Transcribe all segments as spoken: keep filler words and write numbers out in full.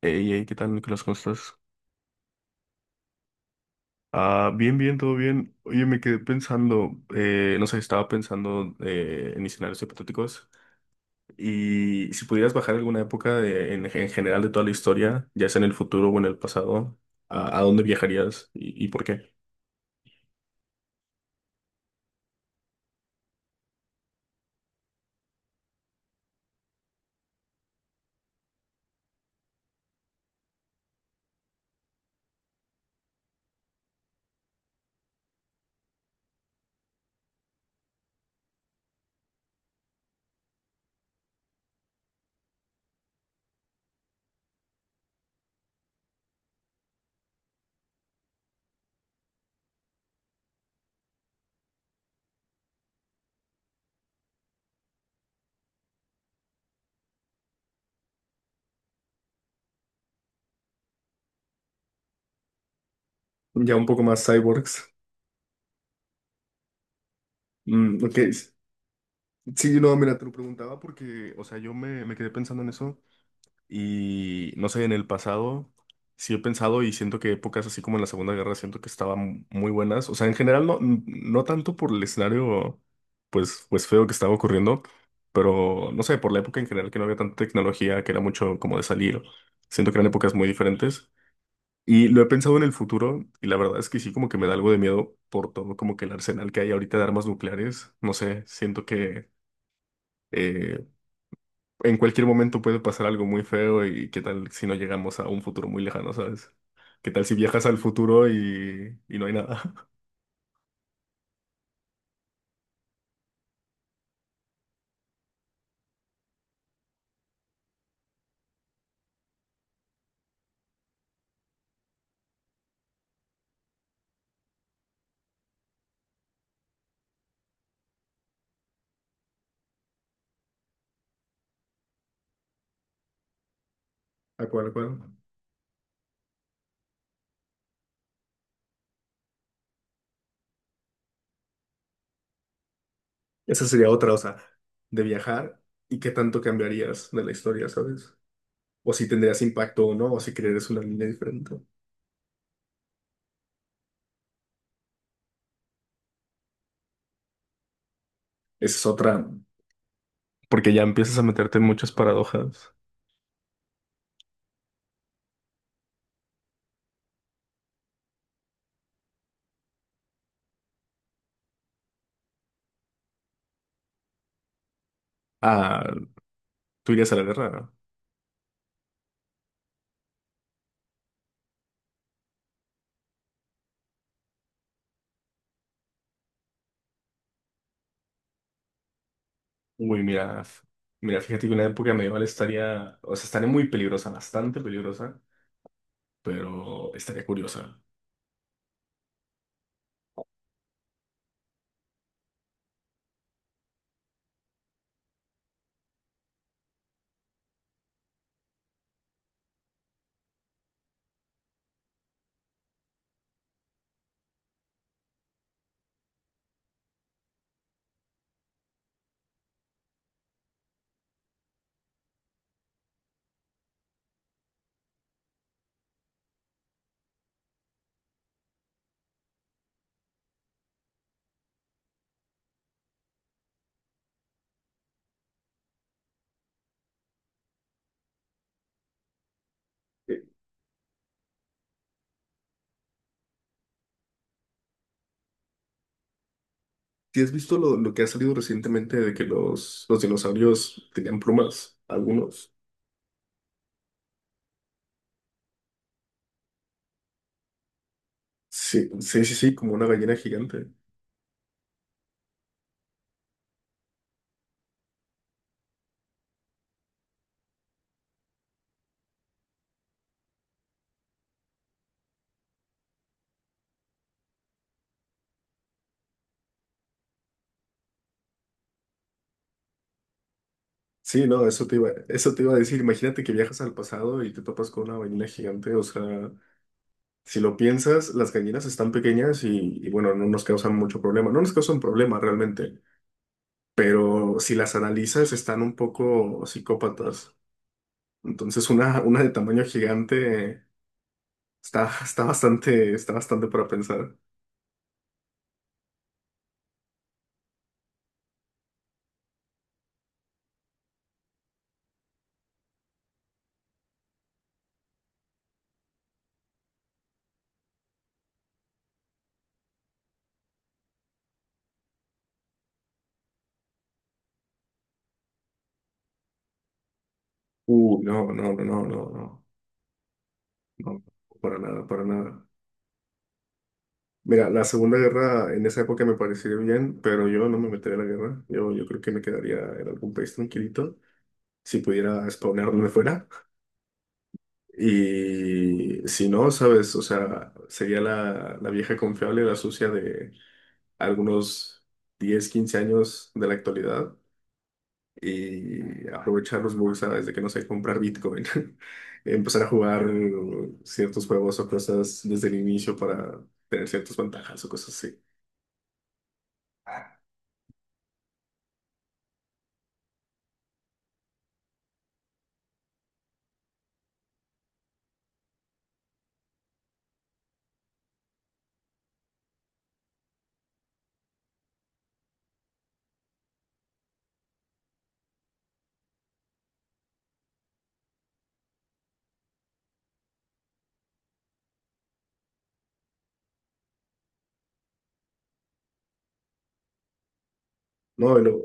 Hey, hey, ¿qué tal, Nicolás? ¿Cómo estás? Ah, bien, bien, todo bien. Oye, me quedé pensando, eh, no sé, estaba pensando eh, en escenarios hipotéticos y si pudieras bajar alguna época de- en, en general de toda la historia, ya sea en el futuro o en el pasado, ¿a, a dónde viajarías y, y por qué? Ya un poco más cyborgs. Mm, ok. Sí, no, mira, te lo preguntaba porque, o sea, yo me, me quedé pensando en eso. Y no sé, en el pasado sí he pensado y siento que épocas así como en la Segunda Guerra siento que estaban muy buenas. O sea, en general no, no tanto por el escenario pues, pues feo que estaba ocurriendo, pero no sé, por la época en general que no había tanta tecnología, que era mucho como de salir. Siento que eran épocas muy diferentes. Y lo he pensado en el futuro y la verdad es que sí como que me da algo de miedo por todo como que el arsenal que hay ahorita de armas nucleares. No sé, siento que eh, en cualquier momento puede pasar algo muy feo y qué tal si no llegamos a un futuro muy lejano, ¿sabes? ¿Qué tal si viajas al futuro y, y no hay nada? ¿A cuál, a cuál? Esa sería otra, o sea, de viajar y qué tanto cambiarías de la historia, ¿sabes? O si tendrías impacto o no, o si creerías una línea diferente. Esa es otra, porque ya empiezas a meterte en muchas paradojas. Ah, tú irías a la guerra, ¿no? Uy, mira, f- mira, fíjate que una época medieval estaría, o sea, estaría muy peligrosa, bastante peligrosa, pero estaría curiosa. ¿Si has visto lo, lo que ha salido recientemente de que los, los dinosaurios tenían plumas? Algunos. Sí, sí, sí, sí, como una gallina gigante. Sí, no, eso te iba, eso te iba a decir. Imagínate que viajas al pasado y te topas con una gallina gigante. O sea, si lo piensas, las gallinas están pequeñas y, y bueno, no nos causan mucho problema. No nos causan problema realmente, pero si las analizas, están un poco psicópatas. Entonces, una, una de tamaño gigante. Está, está bastante, está bastante para pensar. Uh, no, no, no, no, no, no, no, para nada, para nada. Mira, la Segunda Guerra en esa época me pareció bien, pero yo no me metería en la guerra. Yo, yo creo que me quedaría en algún país tranquilito, si pudiera spawnear donde fuera. Y si no, ¿sabes? O sea, sería la, la vieja confiable, la sucia de algunos diez quince años de la actualidad y aprovechar los bugs a, desde que no sé comprar Bitcoin, empezar a jugar ciertos juegos o cosas desde el inicio para tener ciertas ventajas o cosas así. No, de lo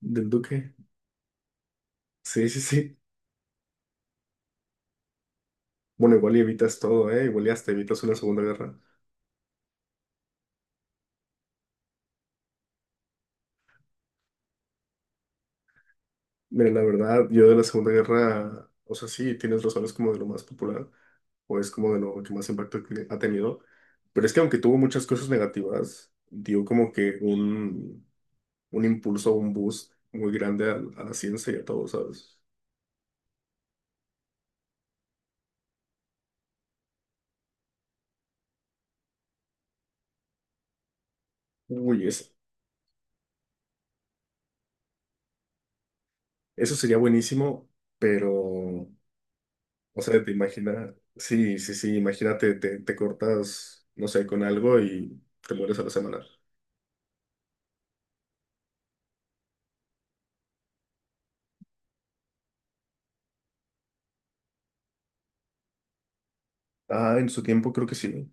del Duque. Sí, sí, sí. Bueno, igual y evitas todo, ¿eh? Igual y hasta evitas una segunda guerra. Mira, la verdad, yo de la segunda guerra, o sea, sí, tienes razón, es como de lo más popular, o es como de lo que más impacto que ha tenido. Pero es que aunque tuvo muchas cosas negativas, dio como que un, un impulso, un boost muy grande a, a la ciencia y a todo, ¿sabes? Uy, eso, eso sería buenísimo, pero, o sea, te imaginas, sí, sí, sí, imagínate, te, te cortas, no sé, con algo y te mueres a la semana. Ah, en su tiempo creo que sí.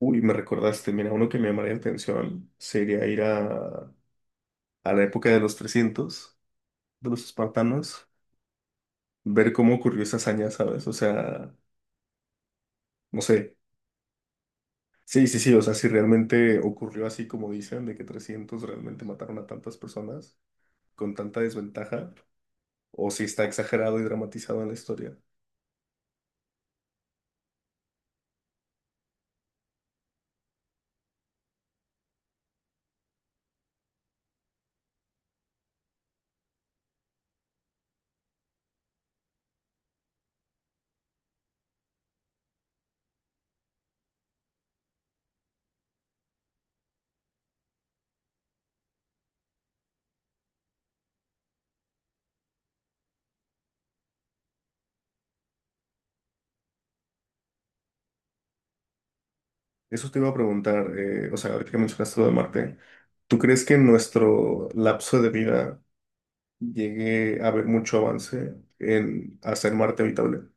Uy, me recordaste, mira, uno que me llamaría la atención sería ir a, a la época de los trescientos de los espartanos, ver cómo ocurrió esa hazaña, ¿sabes? O sea, no sé. Sí, sí, sí, o sea, si realmente ocurrió así como dicen, de que trescientos realmente mataron a tantas personas con tanta desventaja, o si está exagerado y dramatizado en la historia. Eso te iba a preguntar, eh, o sea, ahorita que mencionaste lo de Marte, ¿tú crees que en nuestro lapso de vida llegue a haber mucho avance en hacer Marte habitable?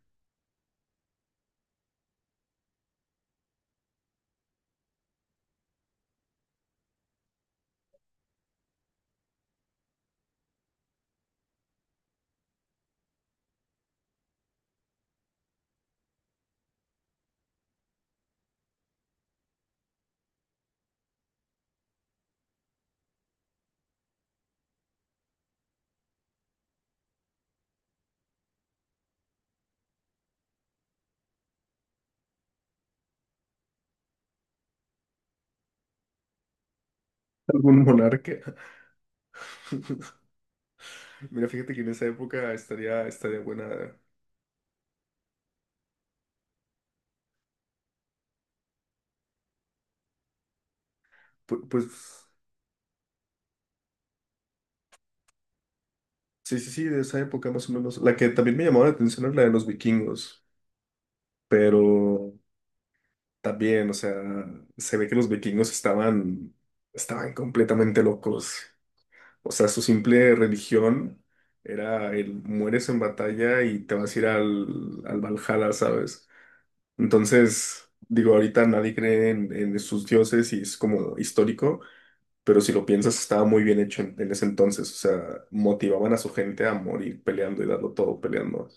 ¿Algún monarca? Mira, fíjate que en esa época estaría, estaría buena, pu- pues... Sí, sí, sí, de esa época más o menos. La que también me llamaba la atención era la de los vikingos, pero también, o sea, se ve que los vikingos estaban, estaban completamente locos. O sea, su simple religión era el mueres en batalla y te vas a ir al, al Valhalla, ¿sabes? Entonces, digo, ahorita nadie cree en, en sus dioses y es como histórico, pero si lo piensas, estaba muy bien hecho en en ese entonces. O sea, motivaban a su gente a morir peleando y darlo todo peleando.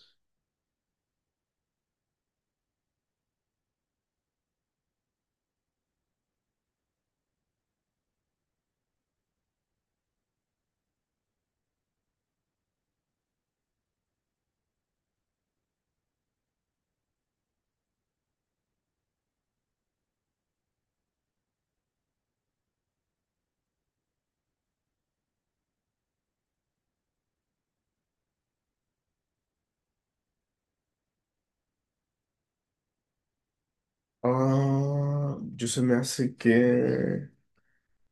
Ah, yo se me hace que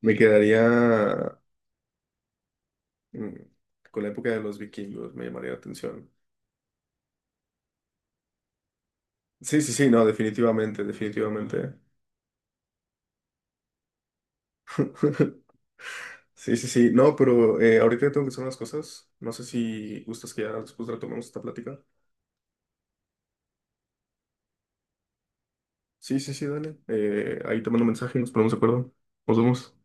me quedaría mm, con la época de los vikingos, me llamaría la atención. Sí, sí, sí, no, definitivamente, definitivamente. Sí, sí, sí, no, pero eh, ahorita tengo que hacer unas cosas. No sé si gustas que ya después retomemos esta plática. Sí, sí, sí, dale. Eh, ahí te mando un mensaje y nos ponemos de acuerdo. Nos vemos.